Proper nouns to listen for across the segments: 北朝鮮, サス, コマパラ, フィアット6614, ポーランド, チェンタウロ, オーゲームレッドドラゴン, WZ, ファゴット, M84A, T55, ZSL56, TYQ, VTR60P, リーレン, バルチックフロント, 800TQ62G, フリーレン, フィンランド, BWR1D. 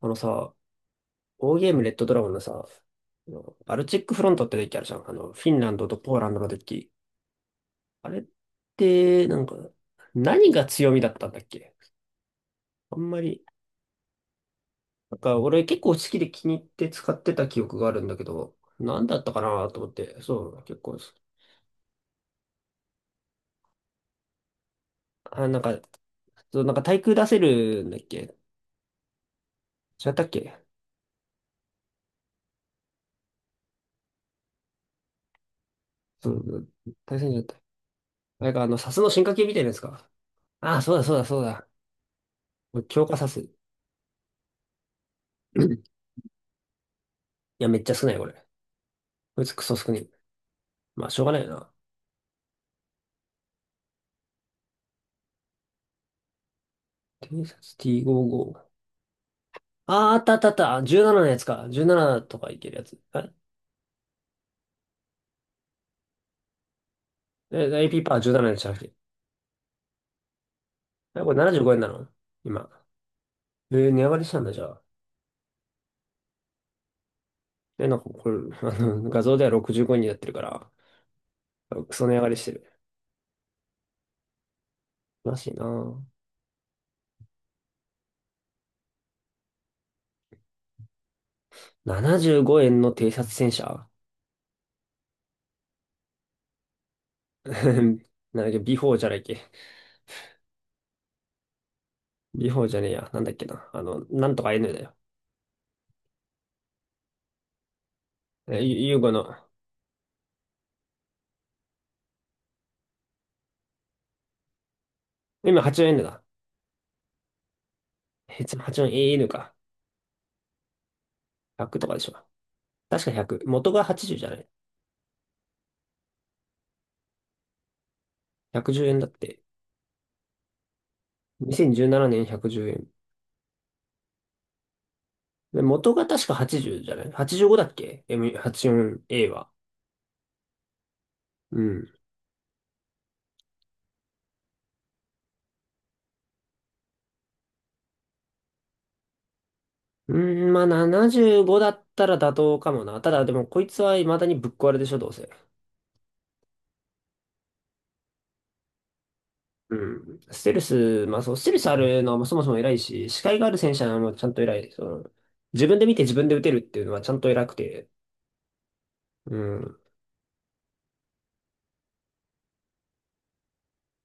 あのさ、オーゲームレッドドラゴンのさ、あのバルチックフロントってデッキあるじゃん。あの、フィンランドとポーランドのデッキ。あれって、なんか、何が強みだったんだっけ？あんまり、なんか俺結構好きで気に入って使ってた記憶があるんだけど、何だったかなと思って。そう、結構、あ、なんか、そう、なんか対空出せるんだっけ？違ったっけ？そう、対戦じゃった。あれかあの、サスの進化系みたいなやつか。ああ、そうだそうだそうだ。強化サス。いや、めっちゃ少ない、これ。こいつクソ少ない。まあ、しょうがないな。偵察 T55。あー、あったあったあった。17のやつか。17とかいけるやつ。あれえ、AP パー17のやつじゃなくて。え、これ75円なの今？えー値上がりしたんだ、じゃあ。え、なんかこれ、あの、画像では65円になってるから、クソ値上がりしてる。らしいなぁ。75円の偵察戦車？ なんだっけ、B4 じゃないっけ。B4 じゃねえや。なんだっけな。あの、なんとか N だよ。え、うごの。今 84N だ。8 84N か。1 0とかでしょ。確か100、元が80じゅうじゃない？110円だって。2017年110円。で、元が確か80じゅうじゃない？ 85 だっけ？ M84A はちじゅうよんエーは。うん。うん、まあ75だったら妥当かもな。ただでもこいつは未だにぶっ壊れでしょ、どうせ。うん。ステルス、まあそう、ステルスあるのはそもそも偉いし、視界がある戦車もちゃんと偉い。その、自分で見て自分で撃てるっていうのはちゃんと偉くて。うん。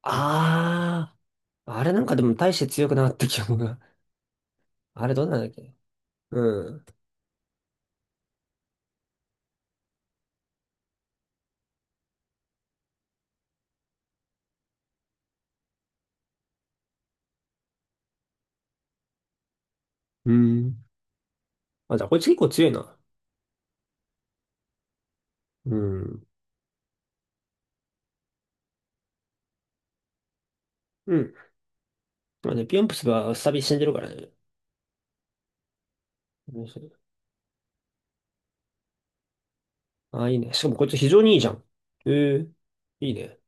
ああ、あれなんかでも大して強くなかった記憶が。あれどうなんだっけ？うん。うん。あ、じゃあこいつ結構強いな。うん。うん。まあね、ピヨンプスはスタビ死んでるからね。面白い。あ、いいね。しかもこいつ非常にいいじゃん。ええいいね。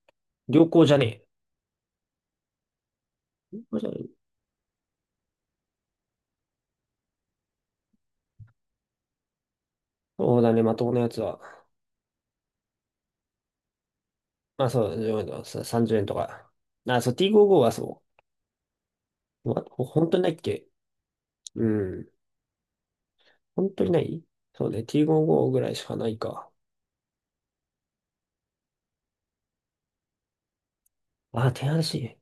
良好じゃねえ？良好じゃない？そうだね、まともなやつは。あ、そうだね、10円とか、30円とか。あ、そう、T55 はそう。わほ本当にないっけ？うん。本当にない？そうね、T55 ぐらいしかないか。あ、手荒しい。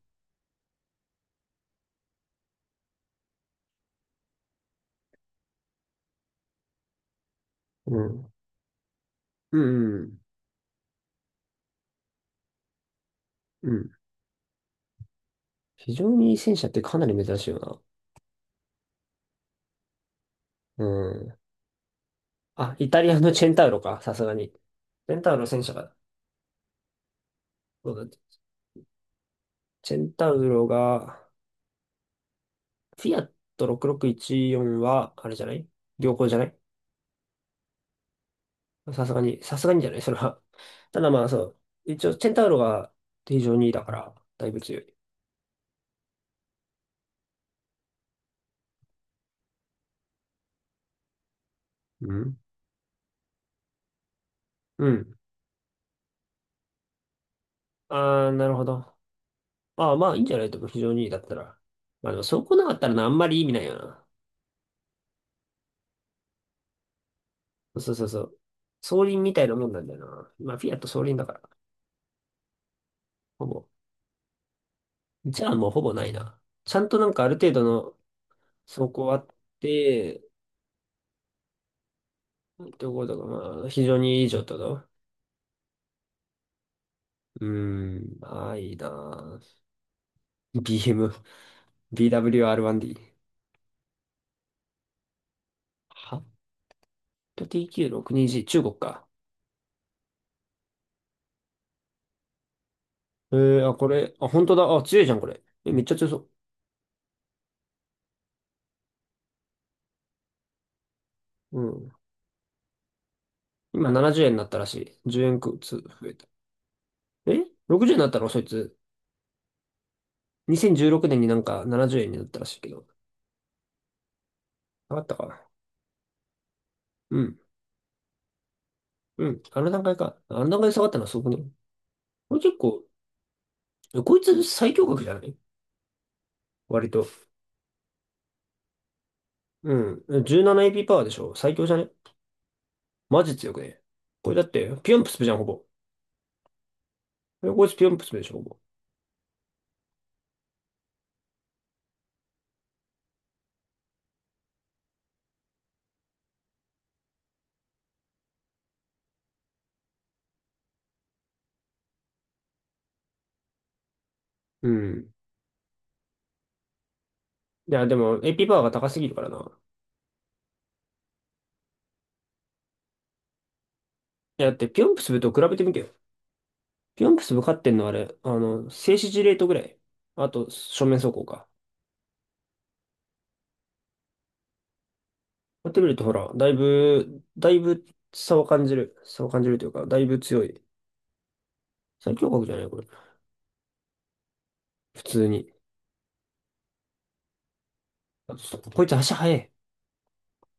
うん。うん、うん。うん。非常にいい戦車ってかなり珍しいよな。うん。あ、イタリアのチェンタウロか、さすがに。チェンタウロ戦車が、そうだね。チェンタウロが、フィアット6614は、あれじゃない？良好じゃない？さすがに、さすがにじゃないそれは。ただまあそう。一応、チェンタウロが非常にいいだから、だいぶ強い。うんうん。あー、なるほど。ああ、まあいいんじゃないと思う。非常にいいだったら。まあでも、そうこなかったらな、あんまり意味ないよな。そうそうそう。そう。双輪みたいなもんなんだよな。まあ、フィアット双輪だから。ほぼ、じゃあもうほぼないな。ちゃんとなんかある程度の走行あって、どこだかまあ、非常にいい状態だわ。うーん、ああ、いいなぁ。BM、BWR1D。800TQ62G、はちきゅうろくにジー中国か。えー、あ、これ、あ、本当だ。あ、強いじゃん、これ。え、めっちゃ強そう。うん。今70円になったらしい。10円くつ増えた。え？ 60 円になったのそいつ？2016年になんか70円になったらしいけど。上がったか。うん。うん。あの段階か。あの段階で下がったのはすごくね。これ結構、こいつ最強格じゃない割と。うん。17AP パワーでしょ、最強じゃね？マジ強くね？これだって、ピヨンプスプじゃん、ほぼ。えこいつピヨンプスプでしょ、ほぼ。うん。いや、でも、AP パワーが高すぎるからな。いや、だって、ピョンプスブと比べてみてよ。ピョンプスブ勝ってんのあれ、あの、静止時レートぐらい。あと、正面走行か。やってみると、ほら、だいぶ、だいぶ差を感じる。差を感じるというか、だいぶ強い。最強国じゃないこれ。普通に。こいつ足速い。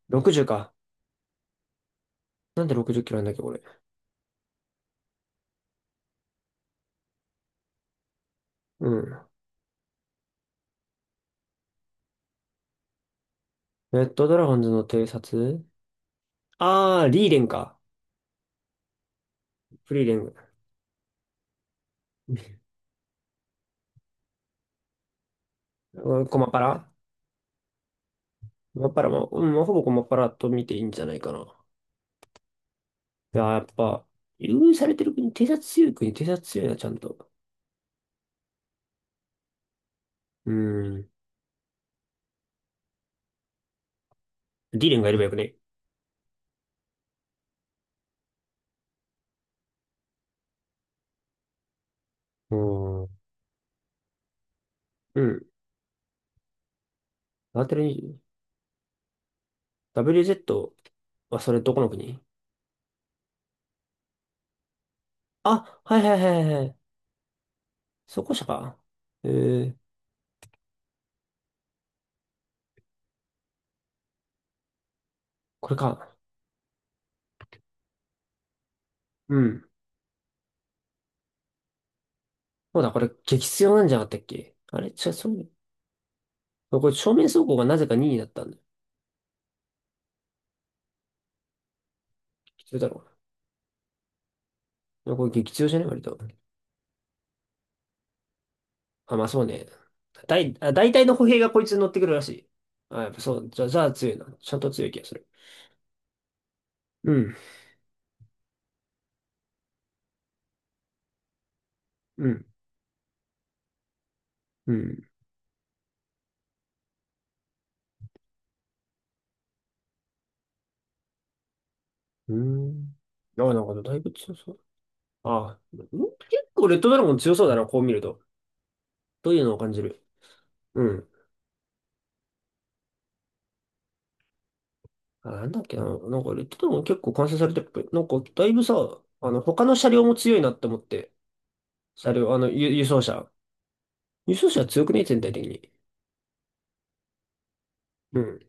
60か。なんで60キロなんだっけ、これ。うん。レッドドラゴンズの偵察？ああー、リーレンか。フリーレン。うん、コマパラ。コマパラも、うん、まあほぼコマパラと見ていいんじゃないかな。いやー、やっぱ、優遇されてる国、偵察強い国、偵察強いな、ちゃんと。うん。リーレンがいればよくね？うん。うん。ラテルに、WZ はそれどこの国？あ、はいはいはいはい。そこ社か。えー、これか。うん。そうだ、これ激強なんじゃなかったっけ？あれ、違う、そう、これ正面走行がなぜか2位だったんだよ。必要だろう。でもこれ激強じゃない割と。あ、まあそうね。大体の歩兵がこいつに乗ってくるらしい。あ、やっぱそう。じゃあ、じゃあ強いな。ちゃんと強い気がする。うん、うん、うん、うん。あ、なんかだいぶ強そう。あ、うん結構レッドドラゴン強そうだな、こう見ると。どういうのを感じる。うん。あ、なんだっけな。なんかレッドドラゴン結構完成されてるっぽい。なんかだいぶさ、あの、他の車両も強いなって思って。車両、あの、輸送車。輸送車強くね、全体的に。うん。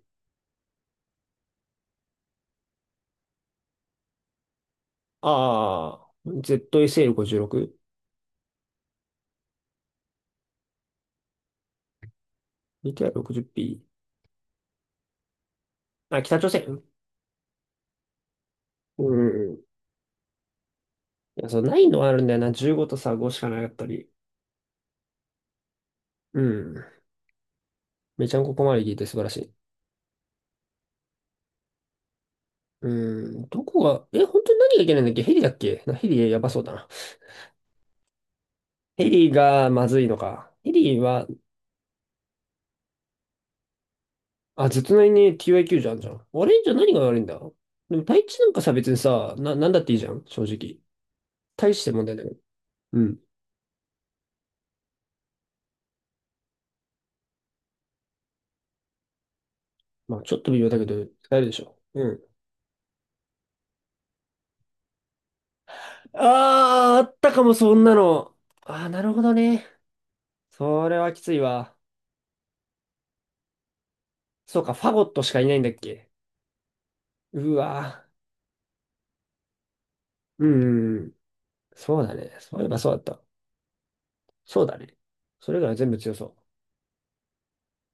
ああ、ZSL56？ VTR60P？ あ、北朝鮮、うん。いや、そう、ないのはあるんだよな。15とさ、5しかなかったり。うん。めちゃんここまで聞いて素晴らしい。うん。どこが、え、本当に何がいけないんだっけ？ヘリだっけな。ヘリやばそうだな。ヘリがまずいのか。ヘリは、あ、ずっとなりに TYQ じゃんじゃん。あれじゃあ何が悪いんだ？でも、対地なんかさ、別にさ、なんだっていいじゃん、正直。大して問題ない。うん。まあ、ちょっと微妙だけど、使えるでしょ。うん。ああ、あったかも、そんなの。ああ、なるほどね。それはきついわ。そうか、ファゴットしかいないんだっけ。うわー。うんうんうん。そうだね。そういえばそうだった。そうだね。それ以外は全部強そう。